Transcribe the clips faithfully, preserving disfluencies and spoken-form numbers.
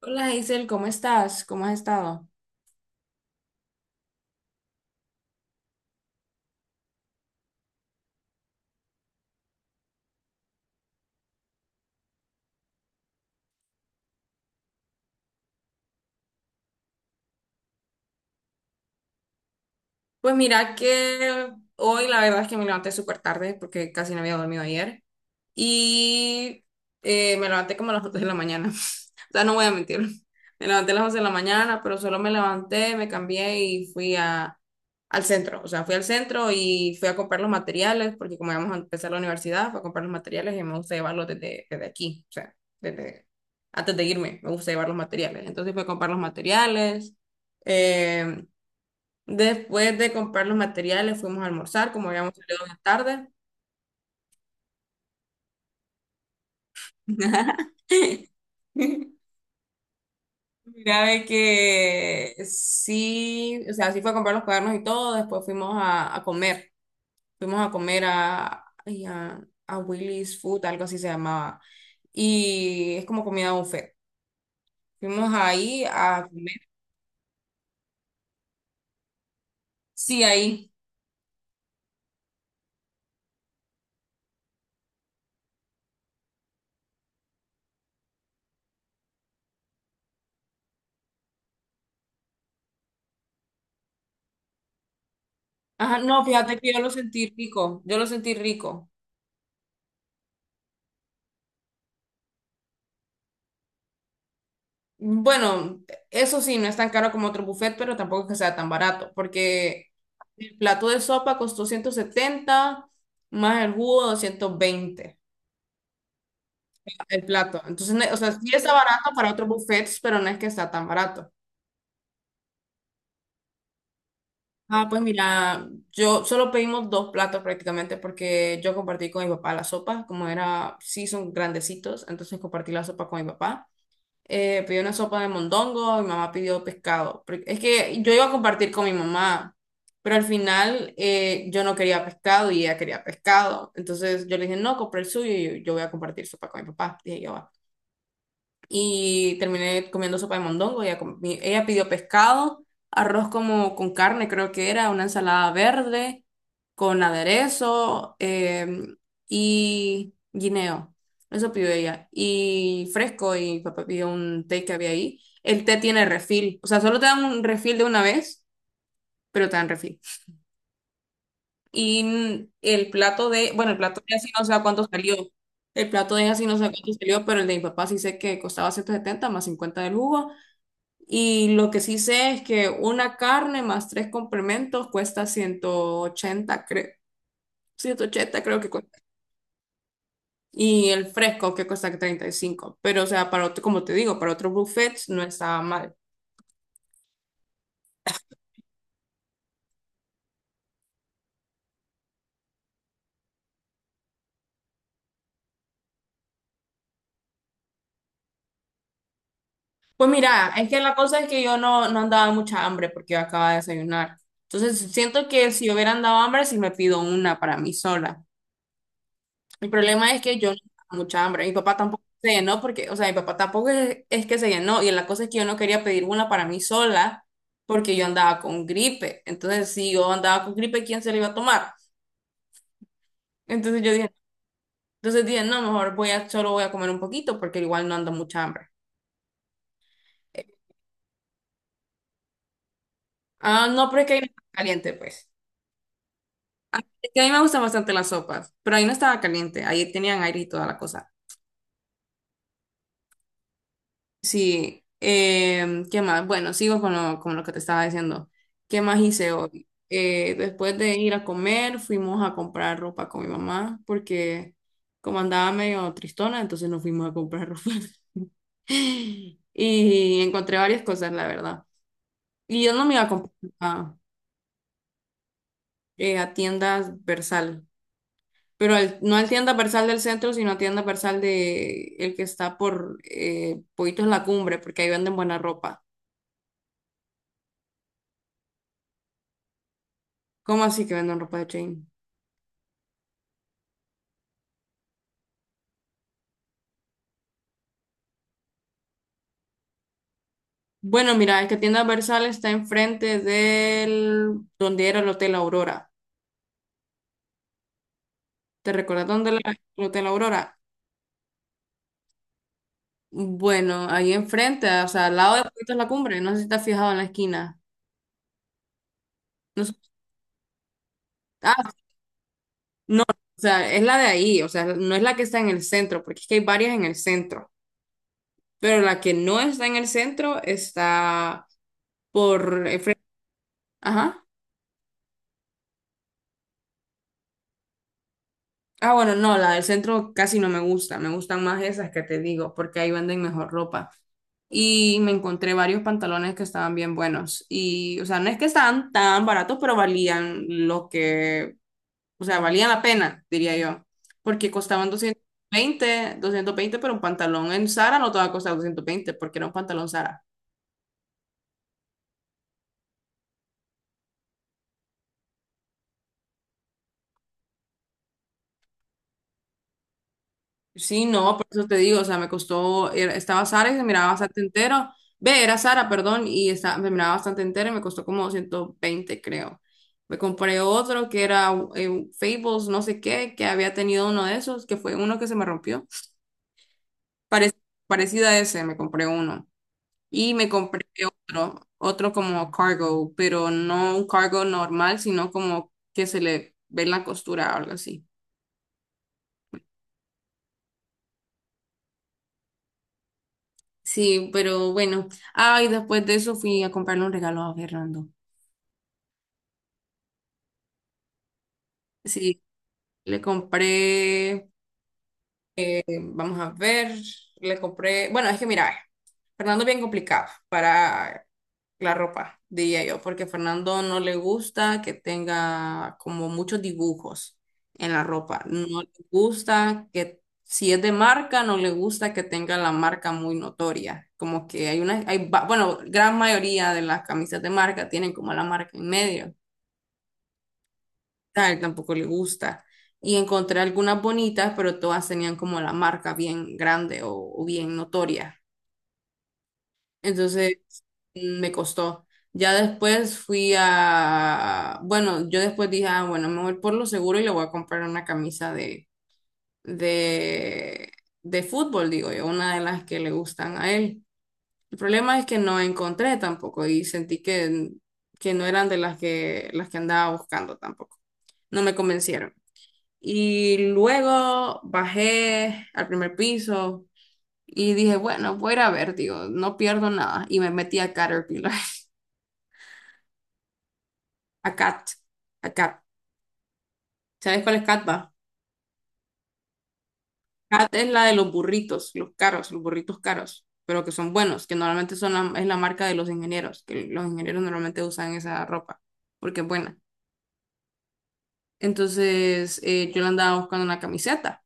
Hola Isel, ¿cómo estás? ¿Cómo has estado? Pues mira que hoy la verdad es que me levanté súper tarde porque casi no había dormido ayer. Y eh, me levanté como a las once de la mañana. O sea, no voy a mentir. Me levanté a las once de la mañana, pero solo me levanté, me cambié y fui a, al centro. O sea, fui al centro y fui a comprar los materiales, porque como íbamos a empezar la universidad, fui a comprar los materiales y me gusta llevarlos desde, desde aquí. O sea, desde, antes de irme, me gusta llevar los materiales. Entonces fui a comprar los materiales. eh, Después de comprar los materiales, fuimos a almorzar, como habíamos salido de tarde. Mira, de que sí, o sea, sí fue a comprar los cuadernos y todo, después fuimos a, a comer, fuimos a comer a, ay, a, a Willy's Food, algo así se llamaba, y es como comida buffet. Fuimos ahí a comer, sí, ahí. Ajá, no, fíjate que yo lo sentí rico, yo lo sentí rico. Bueno, eso sí, no es tan caro como otro buffet, pero tampoco es que sea tan barato, porque el plato de sopa costó ciento setenta más el jugo doscientos veinte el plato. Entonces, no- o sea, sí está barato para otros buffets, pero no es que está tan barato. Ah, pues mira, yo solo pedimos dos platos prácticamente porque yo compartí con mi papá la sopa, como era, sí son grandecitos, entonces compartí la sopa con mi papá. Eh, pedí una sopa de mondongo, mi mamá pidió pescado. porque- Es que yo iba a compartir con mi mamá, pero al final eh, yo no quería pescado y ella quería pescado. Entonces yo le dije, no, compré el suyo y yo voy a compartir sopa con mi papá. Dije yo, "Va". Y terminé comiendo sopa de mondongo. Ella, comi- ella pidió pescado, arroz como con carne, creo que era, una ensalada verde con aderezo em, y guineo. Eso pidió ella. Y fresco, y papá pidió un té que había ahí. El té tiene refil, o sea, solo te dan un refil de una vez, pero te dan refil. Y mm, el plato de, bueno, el plato de así no sé a cuánto salió. El plato de así no sé a cuánto salió, pero el de mi papá sí sé que costaba ciento setenta más cincuenta del jugo y lo que sí sé es que una carne más tres complementos cuesta ciento ochenta, creo. Ciento ochenta creo que cuesta. Y el fresco que cuesta treinta y cinco. Pero, o sea, para otro, como te digo, para otros buffets no estaba mal. Pues mira, es que la cosa es que yo no, no andaba mucha hambre porque yo acababa de desayunar. Entonces siento que si hubiera andado hambre, sí me pido una para mí sola. El problema es que yo no tenía mucha hambre. Mi papá tampoco se llenó porque, o sea, mi papá tampoco es, es que se llenó. Y la cosa es que yo no quería pedir una para mí sola porque yo andaba con gripe. Entonces, si yo andaba con gripe, ¿quién se la iba a tomar? Entonces yo dije, entonces dije, no, mejor voy a, solo voy a comer un poquito porque igual no ando mucha hambre. Eh, Ah, no, pero es que ahí no estaba caliente, pues. Es que a mí me gustan bastante las sopas, pero ahí no estaba caliente. Ahí tenían aire y toda la cosa. Sí, em, ¿qué más? Bueno, sigo con lo, con lo que te estaba diciendo. ¿Qué más hice hoy? Eh, después de ir a comer, fuimos a comprar ropa con mi mamá, porque como andaba medio tristona, entonces nos fuimos a comprar ropa. Y encontré varias cosas, la verdad. Y yo no me iba a comprar a, eh, a tiendas Versal, pero al- no al tienda Versal del centro, sino a tienda Versal de el que está por eh, Poitos La Cumbre, porque ahí venden buena ropa. ¿Cómo así que venden ropa de chain? Bueno, mira, es que tienda Versal está enfrente del donde era el Hotel Aurora. ¿Te recuerdas dónde era el Hotel Aurora? Bueno, ahí enfrente, o sea, al lado de Puerto La Cumbre, no sé si te has fijado en la esquina. No sé- ah, no, o sea, es la de ahí, o sea, no es la que está en el centro, porque es que hay varias en el centro, pero la que no está en el centro está por el frente. Ajá. Ah, bueno, no, la del centro casi no me gusta, me gustan más esas que te digo, porque ahí venden mejor ropa. Y me encontré varios pantalones que estaban bien buenos. Y, o sea, no es que estaban tan baratos, pero valían lo que, o sea, valían la pena, diría yo. Porque costaban doscientos veinte, doscientos veinte, pero un pantalón en Zara no te va a costar doscientos veinte, porque era un pantalón Zara. Sí, no, por eso te digo, o sea, me costó, era- estaba Sara y se miraba bastante entero, ve, era Sara, perdón, y estaba, me miraba bastante entero y me costó como ciento veinte, creo. Me compré otro que era eh, Fables, no sé qué, que había tenido uno de esos, que fue uno que se me rompió. Parec- parecido a ese, me compré uno. Y me compré otro, otro como cargo, pero no un cargo normal, sino como que se le ve la costura o algo así. Sí, pero bueno. Ay, después de eso fui a comprarle un regalo a Fernando. Sí, le compré. Este, vamos a ver, le compré, bueno, es que mira, eh, Fernando es bien complicado para la ropa, diría yo, porque a Fernando no le gusta que tenga como muchos dibujos en la ropa, no le gusta que, si es de marca, no le gusta que tenga la marca muy notoria, como que hay una, hay, va- bueno, gran mayoría de las camisas de marca tienen como la marca en medio tal, tampoco le gusta. Y encontré algunas bonitas, pero todas tenían como la marca bien grande o, o bien notoria. Entonces mm, me costó. Ya después fui a, bueno, yo después dije, ah, bueno, me voy por lo seguro y le voy a comprar una camisa de, de, de fútbol, digo yo, una de las que le gustan a él. El problema es que no encontré tampoco y sentí que, que no eran de las que, las que, andaba buscando tampoco. No me convencieron. Y luego bajé al primer piso y dije, bueno, voy a ir a ver, digo, no pierdo nada. Y me metí a Caterpillar, a Cat, a Cat. ¿Sabes cuál es Cat, va? Cat es la de los burritos, los caros, los burritos caros, pero que son buenos, que normalmente son la, es la marca de los ingenieros, que los ingenieros normalmente usan esa ropa, porque es buena. Entonces, eh, yo le andaba buscando una camiseta,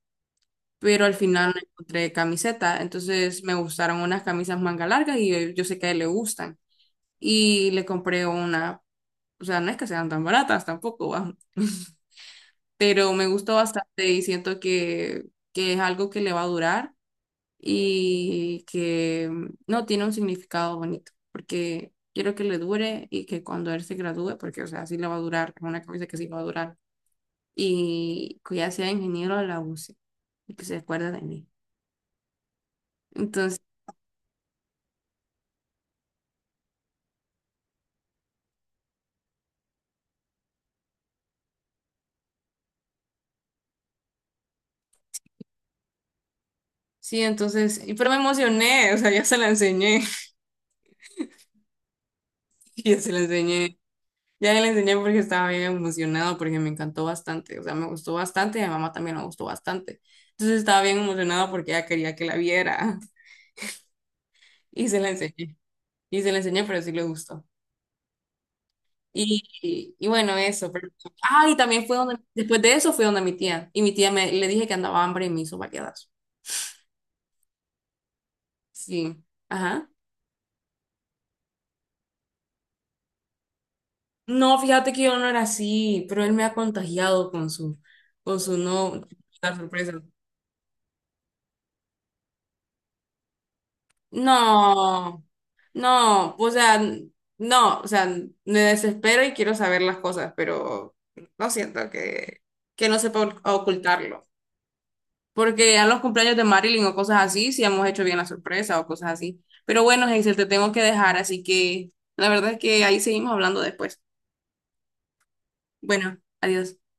pero al final no encontré camiseta. Entonces, me gustaron unas camisas manga largas y yo, yo sé que a él le gustan. Y le compré una, o sea, no es que sean tan baratas tampoco, va, pero me gustó bastante y siento que, que es algo que le va a durar y que mm, no tiene un significado bonito, porque quiero que le dure y que cuando él se gradúe, porque o sea, sí le va a durar, es una camisa que sí va a durar, y que ya sea ingeniero la use y que se acuerde de mí. Entonces, sí, entonces, y- pero me emocioné, o sea, ya se la enseñé, ya se la enseñé. Ya le enseñé porque estaba bien emocionado, porque me encantó bastante, o sea, me gustó bastante y a mi mamá también le gustó bastante. Entonces estaba bien emocionado porque ella quería que la viera y se la enseñé, y se la enseñé, pero sí le gustó. Y, y, y bueno, eso. Pero, ah, y también fue donde, después de eso fue donde mi tía, y mi tía me, le dije que andaba hambre y me hizo variadas. Sí, ajá. No, fíjate que yo no era así, pero él me ha contagiado con su, con su no, la sorpresa. No, no, o sea, no, o sea, me desespero y quiero saber las cosas, pero lo siento que, que no sepa oc- ocultarlo. Porque a los cumpleaños de Marilyn o cosas así, sí hemos hecho bien la sorpresa o cosas así. Pero bueno, Hazel, te tengo que dejar, así que la verdad es que ahí seguimos hablando después. Bueno, adiós.